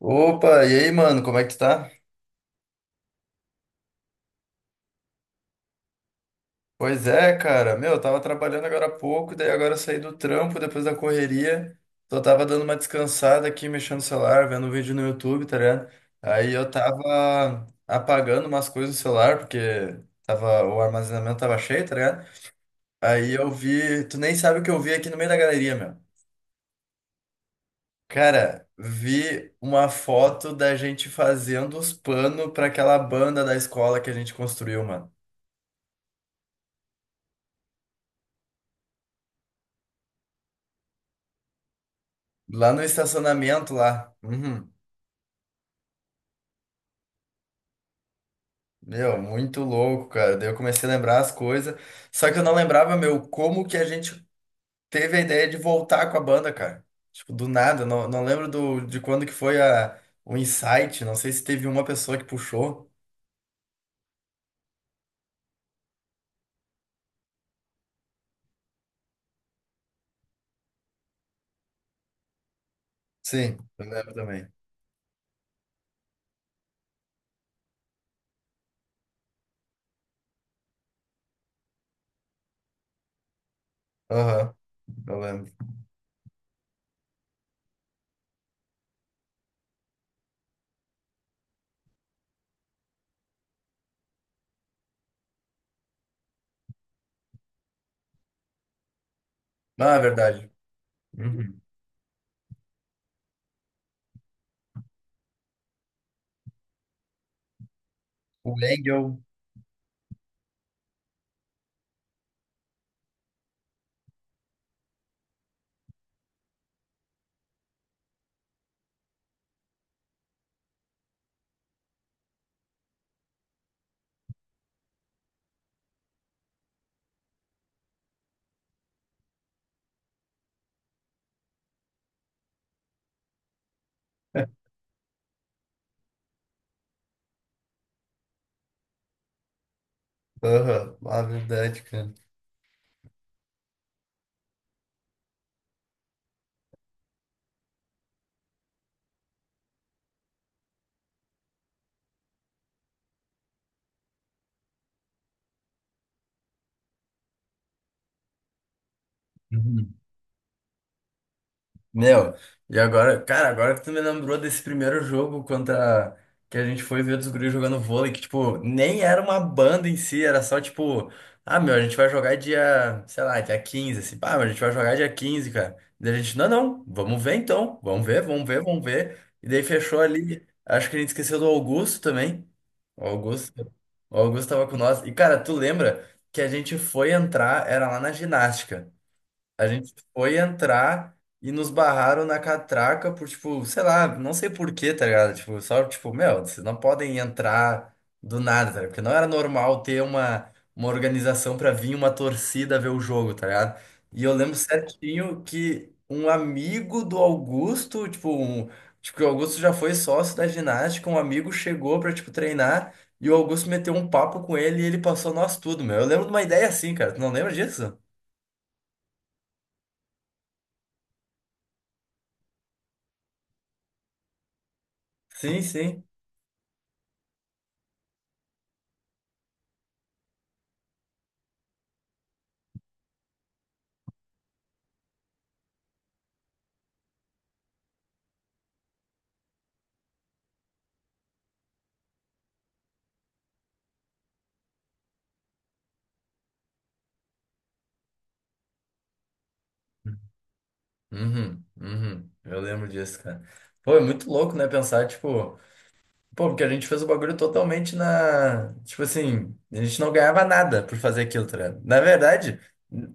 Opa, e aí, mano, como é que tu tá? Pois é, cara, meu, eu tava trabalhando agora há pouco, daí agora eu saí do trampo depois da correria, só tava dando uma descansada aqui, mexendo no celular, vendo um vídeo no YouTube, tá ligado? Aí eu tava apagando umas coisas do celular, porque tava, o armazenamento tava cheio, tá ligado? Aí eu vi, tu nem sabe o que eu vi aqui no meio da galeria, meu. Cara, vi uma foto da gente fazendo os panos pra aquela banda da escola que a gente construiu, mano. Lá no estacionamento lá. Uhum. Meu, muito louco, cara. Daí eu comecei a lembrar as coisas. Só que eu não lembrava, meu, como que a gente teve a ideia de voltar com a banda, cara. Tipo, do nada. Não, não lembro de quando que foi o insight. Não sei se teve uma pessoa que puxou. Sim, eu lembro também. Aham, eu lembro. Ah, é verdade. Uhum. O Engel. Aham, ah, é verdade, cara. Uhum. Meu, e agora, cara, agora que tu me lembrou desse primeiro jogo contra que a gente foi ver dos guris jogando vôlei, que, tipo, nem era uma banda em si, era só, tipo, ah, meu, a gente vai jogar dia, sei lá, dia 15 assim, pá, mas a gente vai jogar dia 15 cara. Daí a gente, não, não, vamos ver então, vamos ver, vamos ver, vamos ver. E daí fechou ali, acho que a gente esqueceu do Augusto também. O Augusto, o Augusto tava com nós. E, cara, tu lembra que a gente foi entrar, era lá na ginástica. A gente foi entrar e nos barraram na catraca por, tipo, sei lá, não sei por quê, tá ligado? Tipo, só, tipo, meu, vocês não podem entrar do nada, tá ligado? Porque não era normal ter uma organização pra vir uma torcida ver o jogo, tá ligado? E eu lembro certinho que um amigo do Augusto, tipo, um, tipo, que o Augusto já foi sócio da ginástica, um amigo chegou pra, tipo, treinar e o Augusto meteu um papo com ele e ele passou nós tudo, meu. Eu lembro de uma ideia assim, cara. Tu não lembra disso? Sim, sim. Uhum, uhum. Eu lembro disso, cara. Pô, é muito louco, né? Pensar, tipo, pô, porque a gente fez o bagulho totalmente na. Tipo assim, a gente não ganhava nada por fazer aquilo, tá ligado? Na verdade,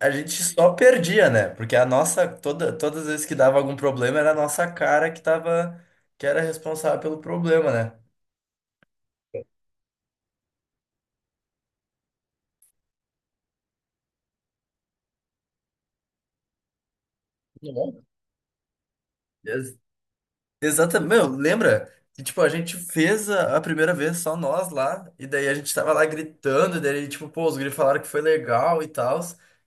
a gente só perdia, né? Porque a nossa, toda, todas as vezes que dava algum problema, era a nossa cara que tava, que era responsável pelo problema, né? Nossa. Exatamente, meu, lembra? Que tipo, a gente fez a primeira vez só nós lá, e daí a gente tava lá gritando, e daí, tipo, pô, os gringos falaram que foi legal e tal.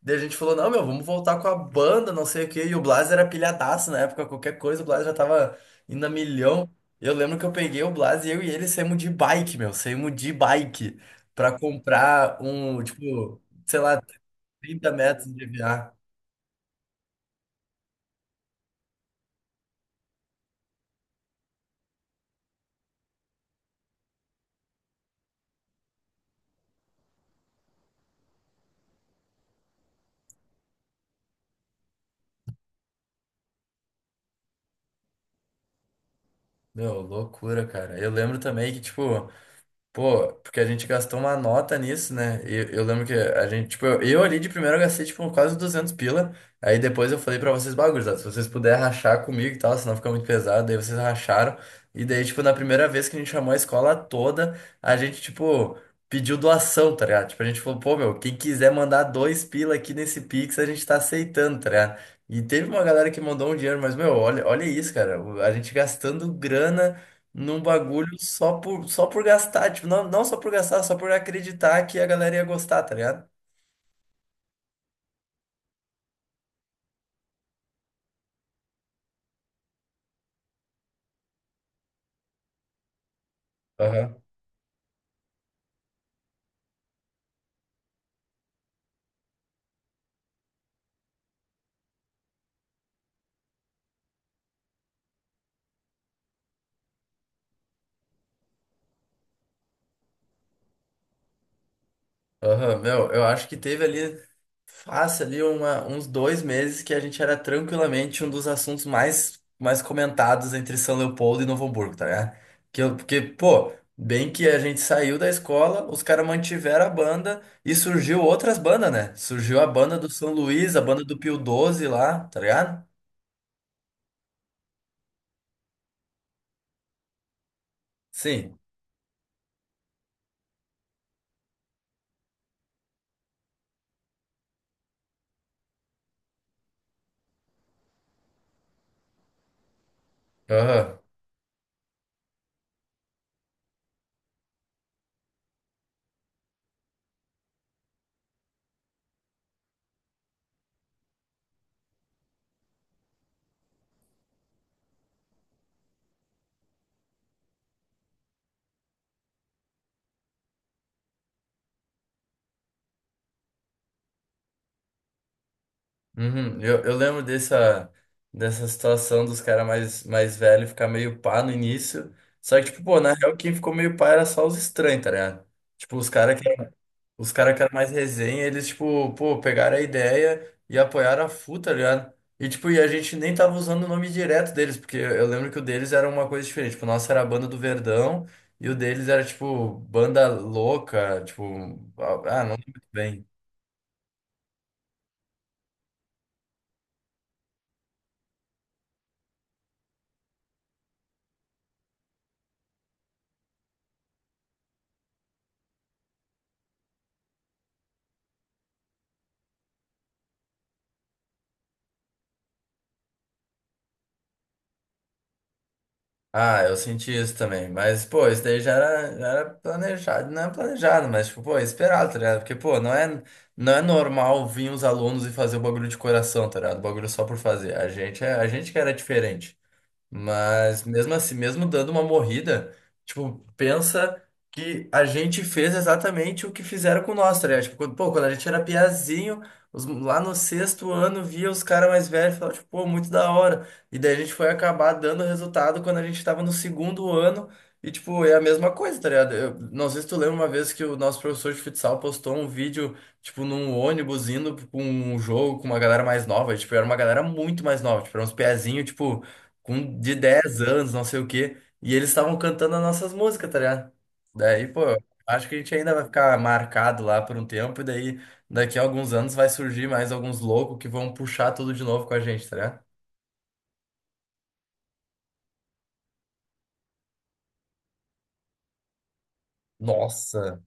Daí a gente falou, não, meu, vamos voltar com a banda, não sei o quê. E o Blas era pilhadaço na época, qualquer coisa, o Blas já tava indo a milhão. Eu lembro que eu peguei o Blas e eu e ele saímos de bike, meu, saímos de bike pra comprar um, tipo, sei lá, 30 metros de EVA. Meu, loucura, cara. Eu lembro também que, tipo. Pô, porque a gente gastou uma nota nisso, né? E eu, lembro que a gente, tipo, eu ali de primeiro eu gastei, tipo, quase 200 pila. Aí depois eu falei pra vocês, bagulho, se vocês puderem rachar comigo e tal, senão fica muito pesado. Daí vocês racharam. E daí, tipo, na primeira vez que a gente chamou a escola toda, a gente, tipo, pediu doação, tá ligado? Tipo, a gente falou, pô, meu, quem quiser mandar 2 pila aqui nesse Pix, a gente tá aceitando, tá ligado? E teve uma galera que mandou um dinheiro, mas, meu, olha, olha isso, cara. A gente gastando grana num bagulho só por, só por gastar, tipo, não, não só por gastar, só por acreditar que a galera ia gostar, tá ligado? Aham. Aham, meu, eu acho que teve ali, fácil ali, uma, uns 2 meses que a gente era tranquilamente um dos assuntos mais, mais comentados entre São Leopoldo e Novo Hamburgo, tá ligado? Que eu, porque, pô, bem que a gente saiu da escola, os caras mantiveram a banda e surgiu outras bandas, né? Surgiu a banda do São Luís, a banda do Pio 12 lá, tá ligado? Sim. Aham. Uhum. Eu lembro dessa, dessa situação dos caras mais, mais velhos ficar meio pá no início. Só que, tipo, pô, na real, quem ficou meio pá era só os estranhos, tá ligado? Tipo, os caras que, os cara que eram mais resenha, eles, tipo, pô, pegaram a ideia e apoiaram a FU, tá ligado? E, tipo, e a gente nem tava usando o nome direto deles, porque eu lembro que o deles era uma coisa diferente. Tipo, o nosso era a Banda do Verdão e o deles era, tipo, Banda Louca, tipo, ah, não lembro muito bem. Ah, eu senti isso também. Mas, pô, isso daí já era planejado. Não é planejado, mas, tipo, pô, é esperado, tá ligado? Porque, pô, não é, não é normal vir os alunos e fazer o bagulho de coração, tá ligado? O bagulho só por fazer. A gente, é, a gente que era diferente. Mas mesmo assim, mesmo dando uma morrida, tipo, pensa que a gente fez exatamente o que fizeram com nós, tá ligado? Tipo, quando, pô, quando a gente era piazinho, os- lá no sexto ano, via os caras mais velhos e falava, tipo, pô, muito da hora. E daí a gente foi acabar dando resultado quando a gente tava no segundo ano. E, tipo, é a mesma coisa, tá ligado? Eu, não sei se tu lembra uma vez que o nosso professor de futsal postou um vídeo, tipo, num ônibus indo pra um jogo com uma galera mais nova. E, tipo, era uma galera muito mais nova, tipo, era uns piazinhos, tipo com de 10 anos, não sei o quê, e eles estavam cantando as nossas músicas, tá ligado? Daí, pô, acho que a gente ainda vai ficar marcado lá por um tempo, e daí daqui a alguns anos vai surgir mais alguns loucos que vão puxar tudo de novo com a gente, tá ligado? Nossa!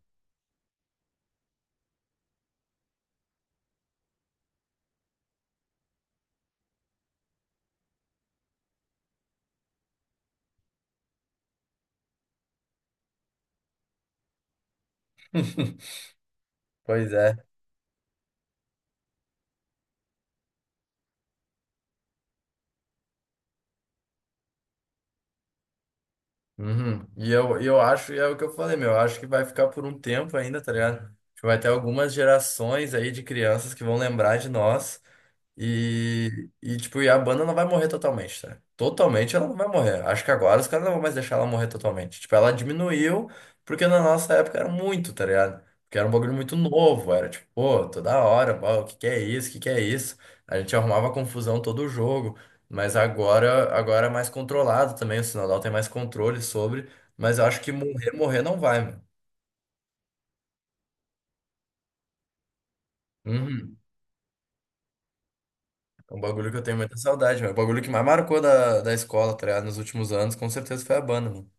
Pois é. Uhum. E eu acho, e é o que eu falei, meu, eu acho que vai ficar por um tempo ainda, tá ligado? Acho que vai ter algumas gerações aí de crianças que vão lembrar de nós. E, tipo, e a banda não vai morrer totalmente, tá? Totalmente ela não vai morrer. Acho que agora os caras não vão mais deixar ela morrer totalmente. Tipo, ela diminuiu porque na nossa época era muito, tá ligado? Porque era um bagulho muito novo, era tipo, pô, toda hora, ó, o que que é isso, o que que é isso? A gente arrumava confusão todo o jogo, mas agora é mais controlado também, o Sinodal tem mais controle sobre, mas eu acho que morrer, morrer não vai, mano. Uhum. É um bagulho que eu tenho muita saudade, mano. O bagulho que mais marcou da escola, tá ligado? Nos últimos anos, com certeza foi a banda, mano.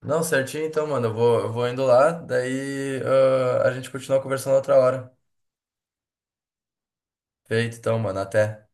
Não, certinho então, mano. Eu vou indo lá, daí ah, a gente continua conversando outra hora. Feito então, mano. Até.